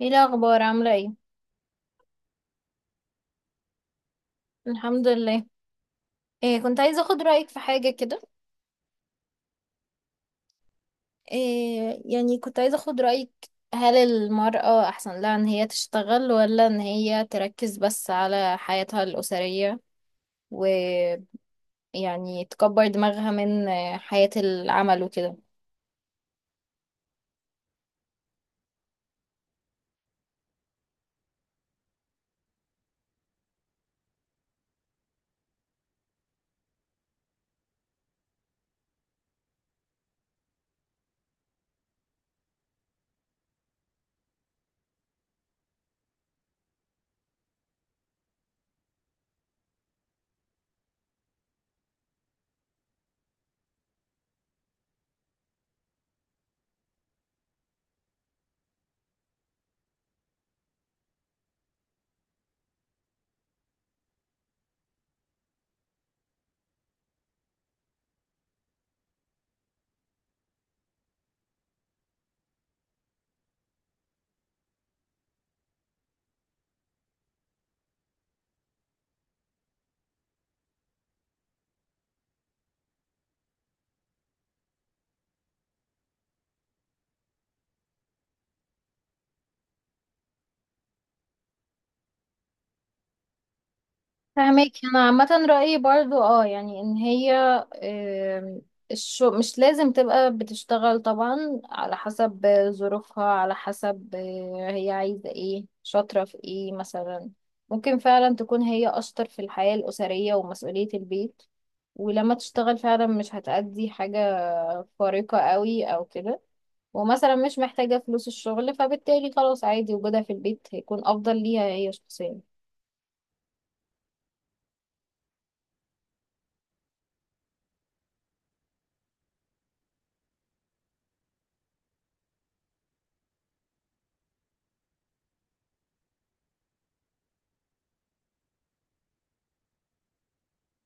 ايه الاخبار؟ عامله ايه؟ الحمد لله. إيه، كنت عايزه اخد رايك في حاجه كده. إيه؟ كنت عايزه اخد رايك. هل المراه احسن لها ان هي تشتغل، ولا ان هي تركز بس على حياتها الاسريه؟ ويعني تكبر دماغها من حياه العمل وكده. فهمك. انا عامه رايي برضو اه، ان هي، آم، الشو مش لازم تبقى بتشتغل طبعا، على حسب ظروفها، على حسب هي عايزه ايه، شاطره في ايه مثلا. ممكن فعلا تكون هي اشطر في الحياه الاسريه ومسؤوليه البيت، ولما تشتغل فعلا مش هتأدي حاجه خارقه قوي او كده، ومثلا مش محتاجه فلوس الشغل، فبالتالي خلاص عادي، وجودها في البيت هيكون افضل ليها هي شخصيا.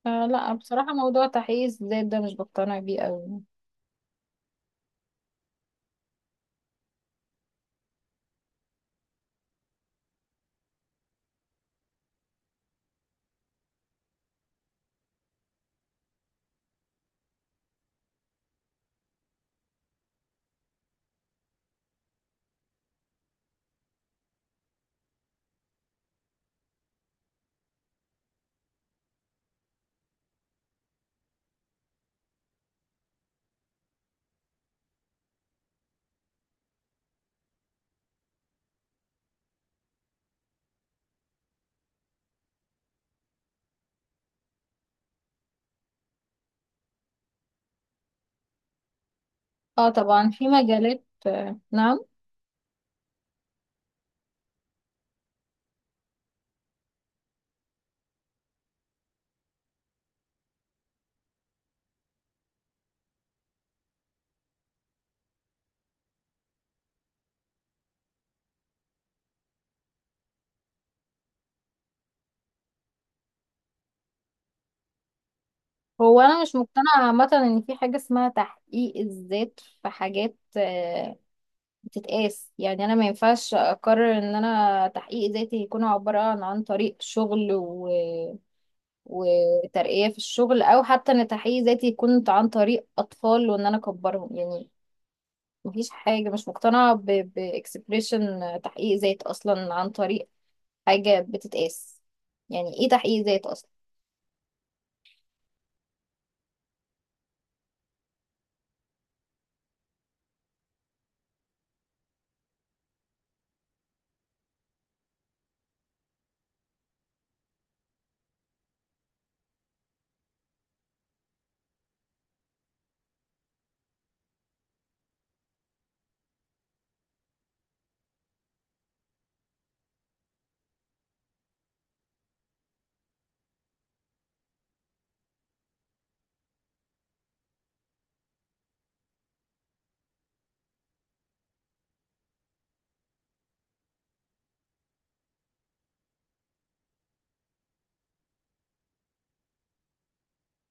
آه لا، بصراحة موضوع تحقيق الذات ده مش بقتنع بيه قوي. اه طبعا، في مجالات، آه نعم. هو انا مش مقتنعة عامة ان في حاجة اسمها تحقيق الذات في حاجات بتتقاس. يعني انا ما ينفعش اقرر ان انا تحقيق ذاتي يكون عبارة عن طريق شغل وترقية في الشغل، او حتى ان تحقيق ذاتي يكون عن طريق اطفال وان انا اكبرهم. يعني مفيش حاجة، مش مقتنعة بإكسبريشن تحقيق ذات أصلا عن طريق حاجة بتتقاس. يعني ايه تحقيق ذات اصلا؟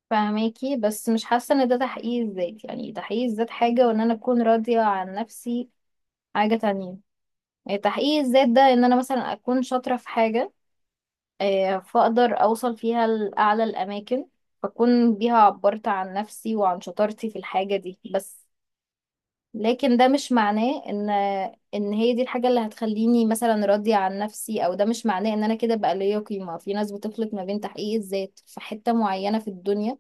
فهماكي، بس مش حاسة ان ده تحقيق الذات. يعني تحقيق الذات حاجة، وان انا اكون راضية عن نفسي حاجة تانية. يعني تحقيق الذات ده ان انا مثلا اكون شاطرة في حاجة، فاقدر اوصل فيها لأعلى الاماكن، فاكون بيها عبرت عن نفسي وعن شطارتي في الحاجة دي بس. لكن ده مش معناه ان هي دي الحاجة اللي هتخليني مثلا راضية عن نفسي، او ده مش معناه ان انا كده بقى ليا قيمة. في ناس بتخلط ما بين تحقيق الذات في حتة معينة في الدنيا.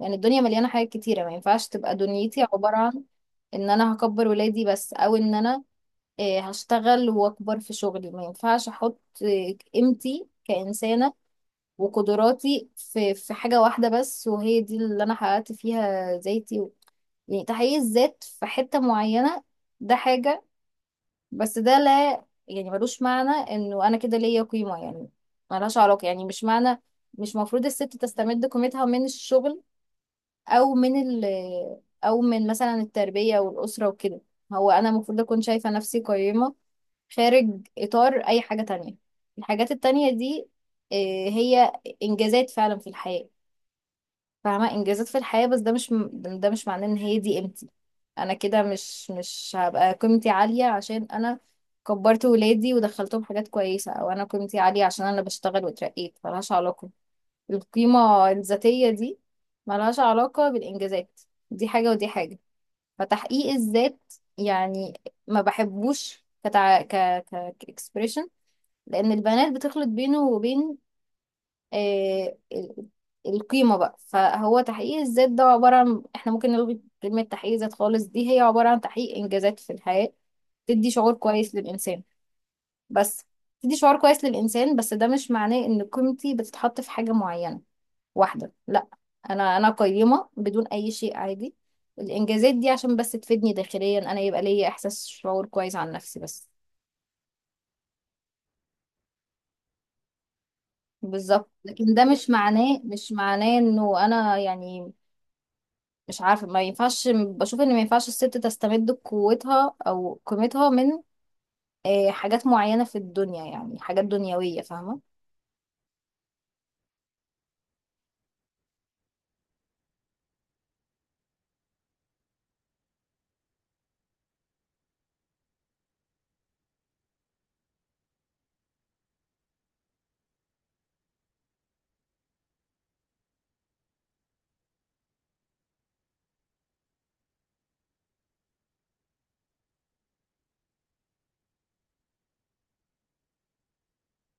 يعني الدنيا مليانة حاجات كتيرة، ما ينفعش تبقى دنيتي عبارة عن ان انا هكبر ولادي بس، او ان انا هشتغل واكبر في شغلي. ما ينفعش احط قيمتي كإنسانة وقدراتي في حاجة واحدة بس، وهي دي اللي انا حققت فيها ذاتي. يعني تحقيق الذات في حتة معينة ده حاجة، بس ده لا يعني، ملوش معنى انه انا كده ليا قيمة. يعني ملهاش علاقة، يعني مش معنى، مش مفروض الست تستمد قيمتها من الشغل او من ال او من مثلا التربية والأسرة وكده. هو انا المفروض اكون شايفة نفسي قيمة خارج اطار اي حاجة تانية. الحاجات التانية دي، آه، هي انجازات فعلا في الحياة. فاهمة، انجازات في الحياة، بس ده مش، ده مش معناه ان هي دي قيمتي. انا كده مش هبقى قيمتي عالية عشان انا كبرت ولادي ودخلتهم حاجات كويسة، او انا قيمتي عالية عشان انا بشتغل واترقيت. ملهاش علاقة. القيمة الذاتية دي ملهاش علاقة بالانجازات. دي حاجة ودي حاجة. فتحقيق الذات، يعني، ما بحبوش كتع... ك ك كاكسبريشن، لان البنات بتخلط بينه وبين آه، ال- القيمة بقى. فهو تحقيق الذات ده عبارة عن، احنا ممكن نلغي كلمة تحقيق ذات خالص، دي هي عبارة عن تحقيق إنجازات في الحياة، تدي شعور كويس للإنسان بس. تدي شعور كويس للإنسان، بس ده مش معناه إن قيمتي بتتحط في حاجة معينة واحدة. لا، أنا أنا قيمة بدون أي شيء، عادي. الإنجازات دي عشان بس تفيدني داخليا أنا، يبقى ليا إحساس، شعور كويس عن نفسي بس. بالظبط، لكن ده مش معناه، مش معناه إنه أنا يعني، مش عارفة، ما ينفعش، بشوف ان ما ينفعش الست تستمد قوتها او قيمتها من حاجات معينة في الدنيا، يعني حاجات دنيوية، فاهمة.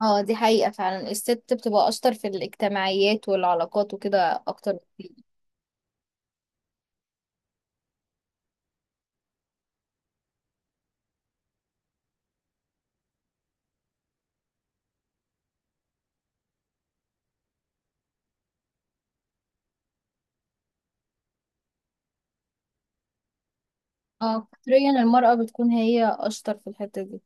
اه دي حقيقة فعلا، الست بتبقى اشطر في الاجتماعيات والعلاقات وكده اكتر. اه فطريا المرأة بتكون هي اشطر في الحتة دي.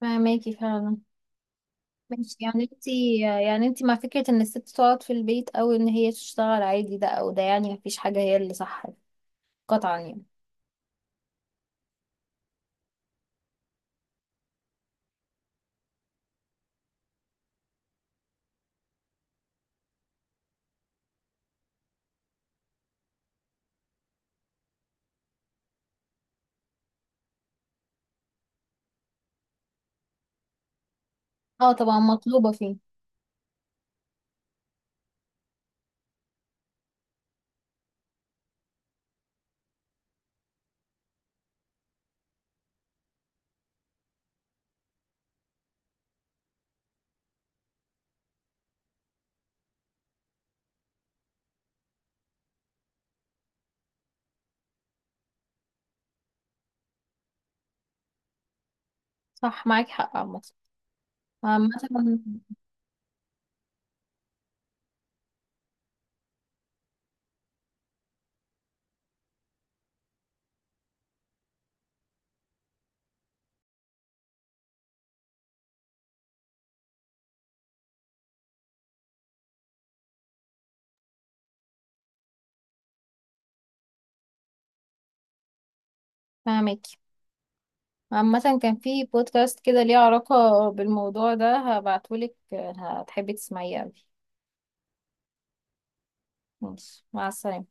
فاهماكي فعلا. ماشي، يعني انتي، يعني انتي مع فكرة ان الست تقعد في البيت او ان هي تشتغل عادي ده او ده، يعني مفيش حاجة هي اللي صح قطعا يعني. اه طبعا مطلوبة فيه. صح، معاكي حق عامة، عامة. فاهمك. عامة كان في بودكاست كده ليه علاقة بالموضوع ده، هبعتهولك، هتحبي تسمعيه أوي. ماشي، مع السلامة.